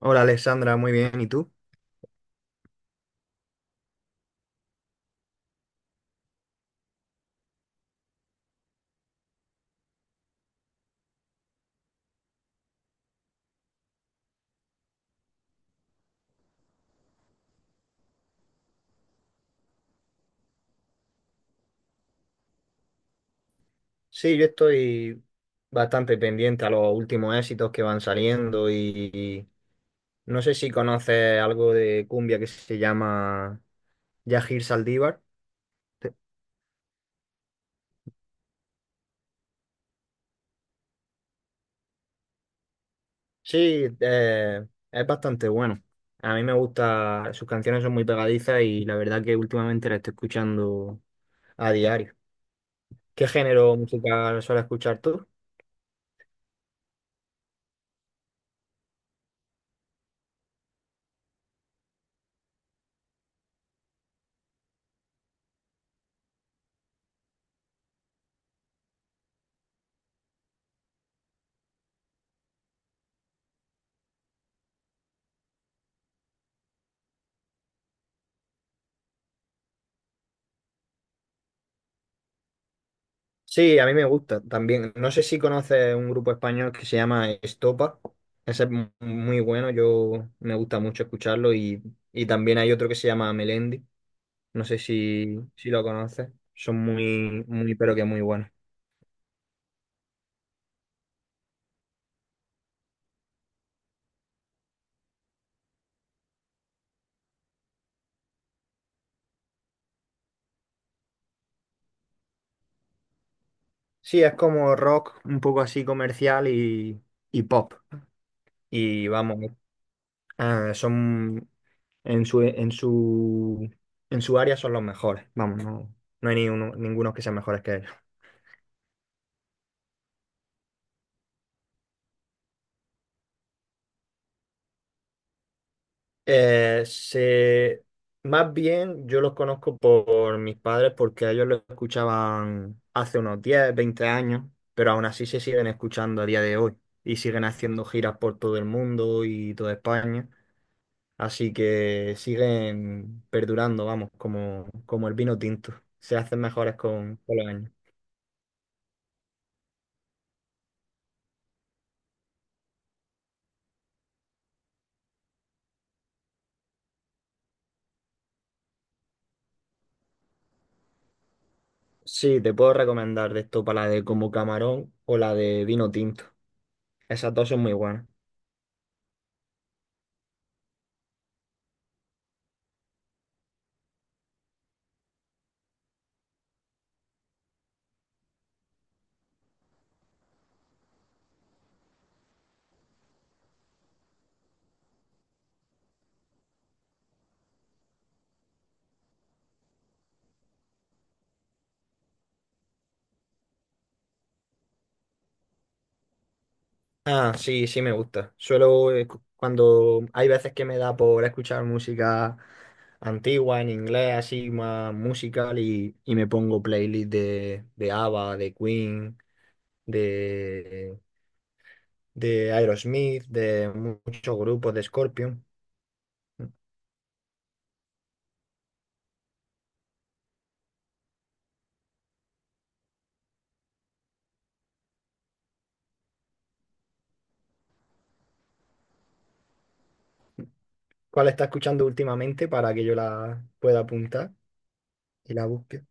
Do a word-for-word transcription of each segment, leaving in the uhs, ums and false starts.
Hola Alexandra, muy bien. ¿Y tú? Sí, yo estoy bastante pendiente a los últimos éxitos que van saliendo y no sé si conoces algo de cumbia que se llama Yajir Saldívar. Te- Sí, eh, es bastante bueno. A mí me gusta, sus canciones son muy pegadizas y la verdad que últimamente la estoy escuchando a diario. ¿Qué género musical sueles escuchar tú? Sí, a mí me gusta también. No sé si conoces un grupo español que se llama Estopa. Ese es mu- muy bueno, yo me gusta mucho escucharlo y, y también hay otro que se llama Melendi. No sé si, si lo conoces. Son muy, muy, pero que muy buenos. Sí, es como rock, un poco así comercial y, y pop. Y vamos, ah, son en su, en su, en su área son los mejores. Vamos, no, no hay ni uno- ninguno que sean mejores que ellos. Eh, se, más bien yo los conozco por mis padres porque ellos lo escuchaban hace unos diez veinte años, pero aún así se siguen escuchando a día de hoy y siguen haciendo giras por todo el mundo y toda España. Así que siguen perdurando, vamos, como, como el vino tinto. Se hacen mejores con, con los años. Sí, te puedo recomendar de esto para la de como camarón o la de vino tinto. Esas dos son muy buenas. Ah, sí, sí me gusta. Suelo, eh, cu- cuando hay veces que me da por escuchar música antigua en inglés, así más musical, y, y me pongo playlist de, de ABBA, de Queen, de, de Aerosmith, de muchos grupos, de Scorpion. ¿Cuál está escuchando últimamente para que yo la pueda apuntar y la busque?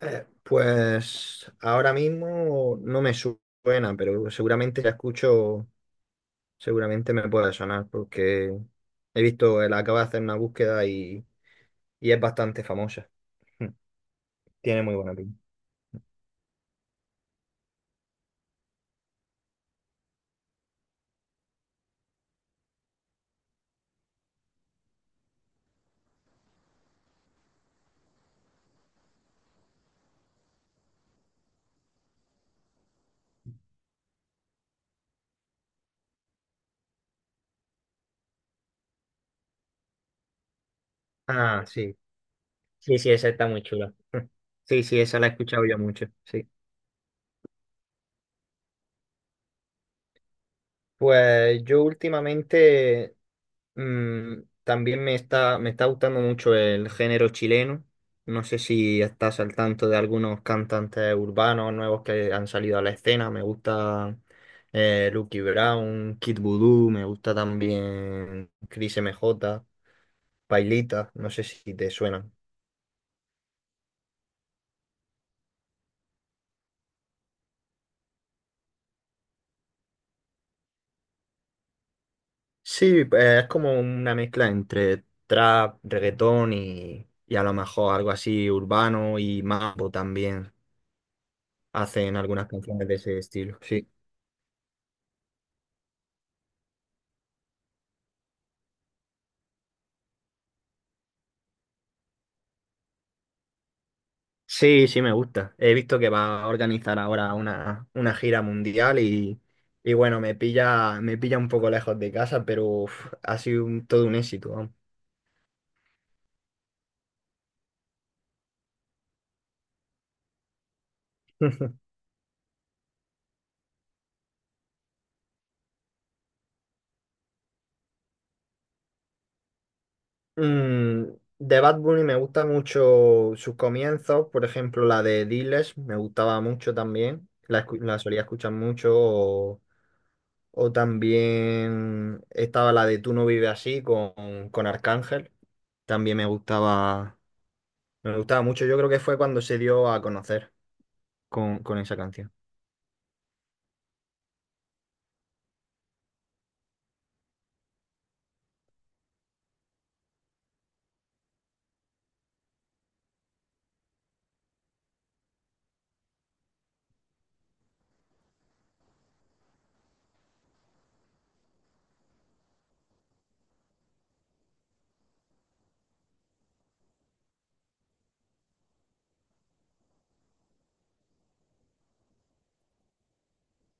Eh, pues ahora mismo no me su- suena, pero seguramente la escucho. Seguramente me puede sonar porque he visto, él acaba de hacer una búsqueda y, y es bastante famosa. Tiene muy buena pinta. Ah, sí. Sí, sí, esa está muy chula. Sí, sí, esa la he escuchado yo mucho. Sí. Pues yo últimamente mm, también me está, me está gustando mucho el género chileno. No sé si estás al tanto de algunos cantantes urbanos nuevos que han salido a la escena. Me gusta eh, Lucky Brown, Kid Voodoo, me gusta también Cris M J, Pailita, no sé si te suenan. Sí, eh, es como una mezcla entre trap, reggaetón y, y a lo mejor algo así urbano y mambo también. Hacen algunas canciones de ese estilo, sí. Sí, sí, me gusta. He visto que va a organizar ahora una, una gira mundial y, y bueno, me pilla, me pilla un poco lejos de casa, pero uf, ha sido un- todo un éxito, vamos. Mm, de Bad Bunny me gusta mucho sus comienzos, por ejemplo, la de Diles me gustaba mucho también, la, escu- la solía escuchar mucho, o, o también estaba la de Tú no vives así con, con Arcángel, también me gustaba, me gustaba mucho, yo creo que fue cuando se dio a conocer con, con esa canción.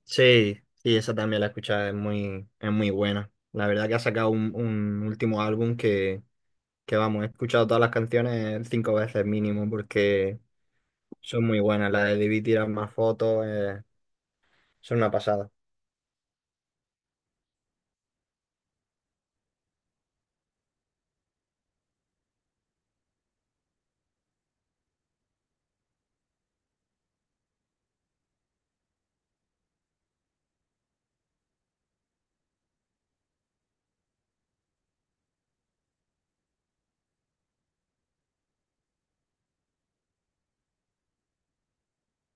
Sí, sí, esa también la he escuchado, es muy, es muy buena. La verdad que ha sacado un, un último álbum que, que vamos, he escuchado todas las canciones cinco veces mínimo porque son muy buenas. La de Debí tirar más fotos, eh, son una pasada.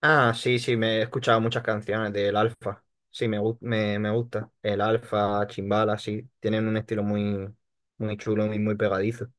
Ah, sí, sí, me he escuchado muchas canciones del Alfa. Sí, me, gu- me, me gusta. El Alfa, Chimbala, sí, tienen un estilo muy, muy chulo y muy pegadizo.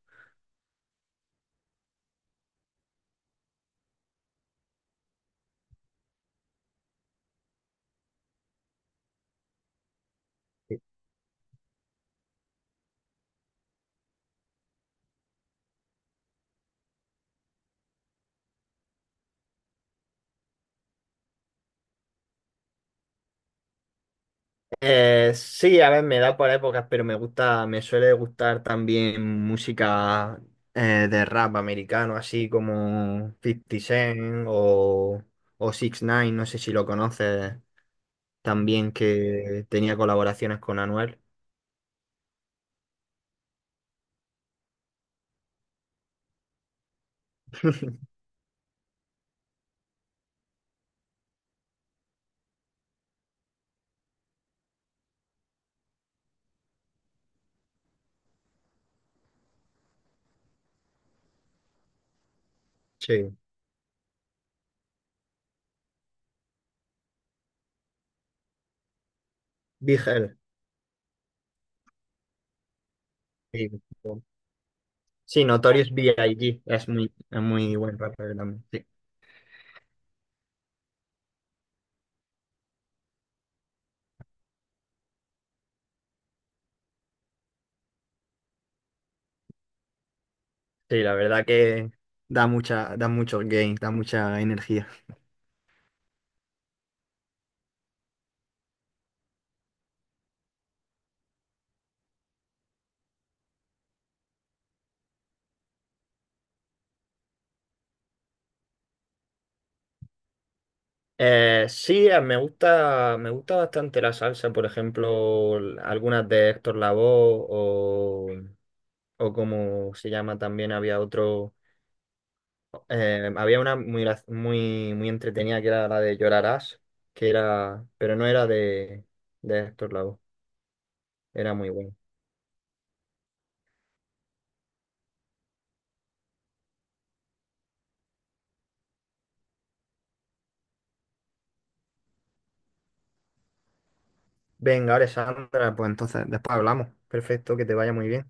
Eh, sí, a ver, me da por épocas, pero me gusta, me suele gustar también música eh, de rap americano, así como Fifty Cent o, o six nine ix no sé si lo conoces también, que tenía colaboraciones con Anuel. Sí, Big L. Sí, sí, Notorious B I G es muy, es muy buen rapper también. Sí, sí, la verdad que da mucha, da mucho gain, da mucha energía. Eh, sí, eh, me gusta, me gusta bastante la salsa, por ejemplo, l- algunas de Héctor Lavoe o, o como se llama también, había otro, eh, había una muy, gra- muy, muy entretenida que era la de Llorarás, que era, pero no era de, de Héctor Lavoe, era muy bueno. Venga, Alessandra, pues entonces después hablamos. Perfecto, que te vaya muy bien.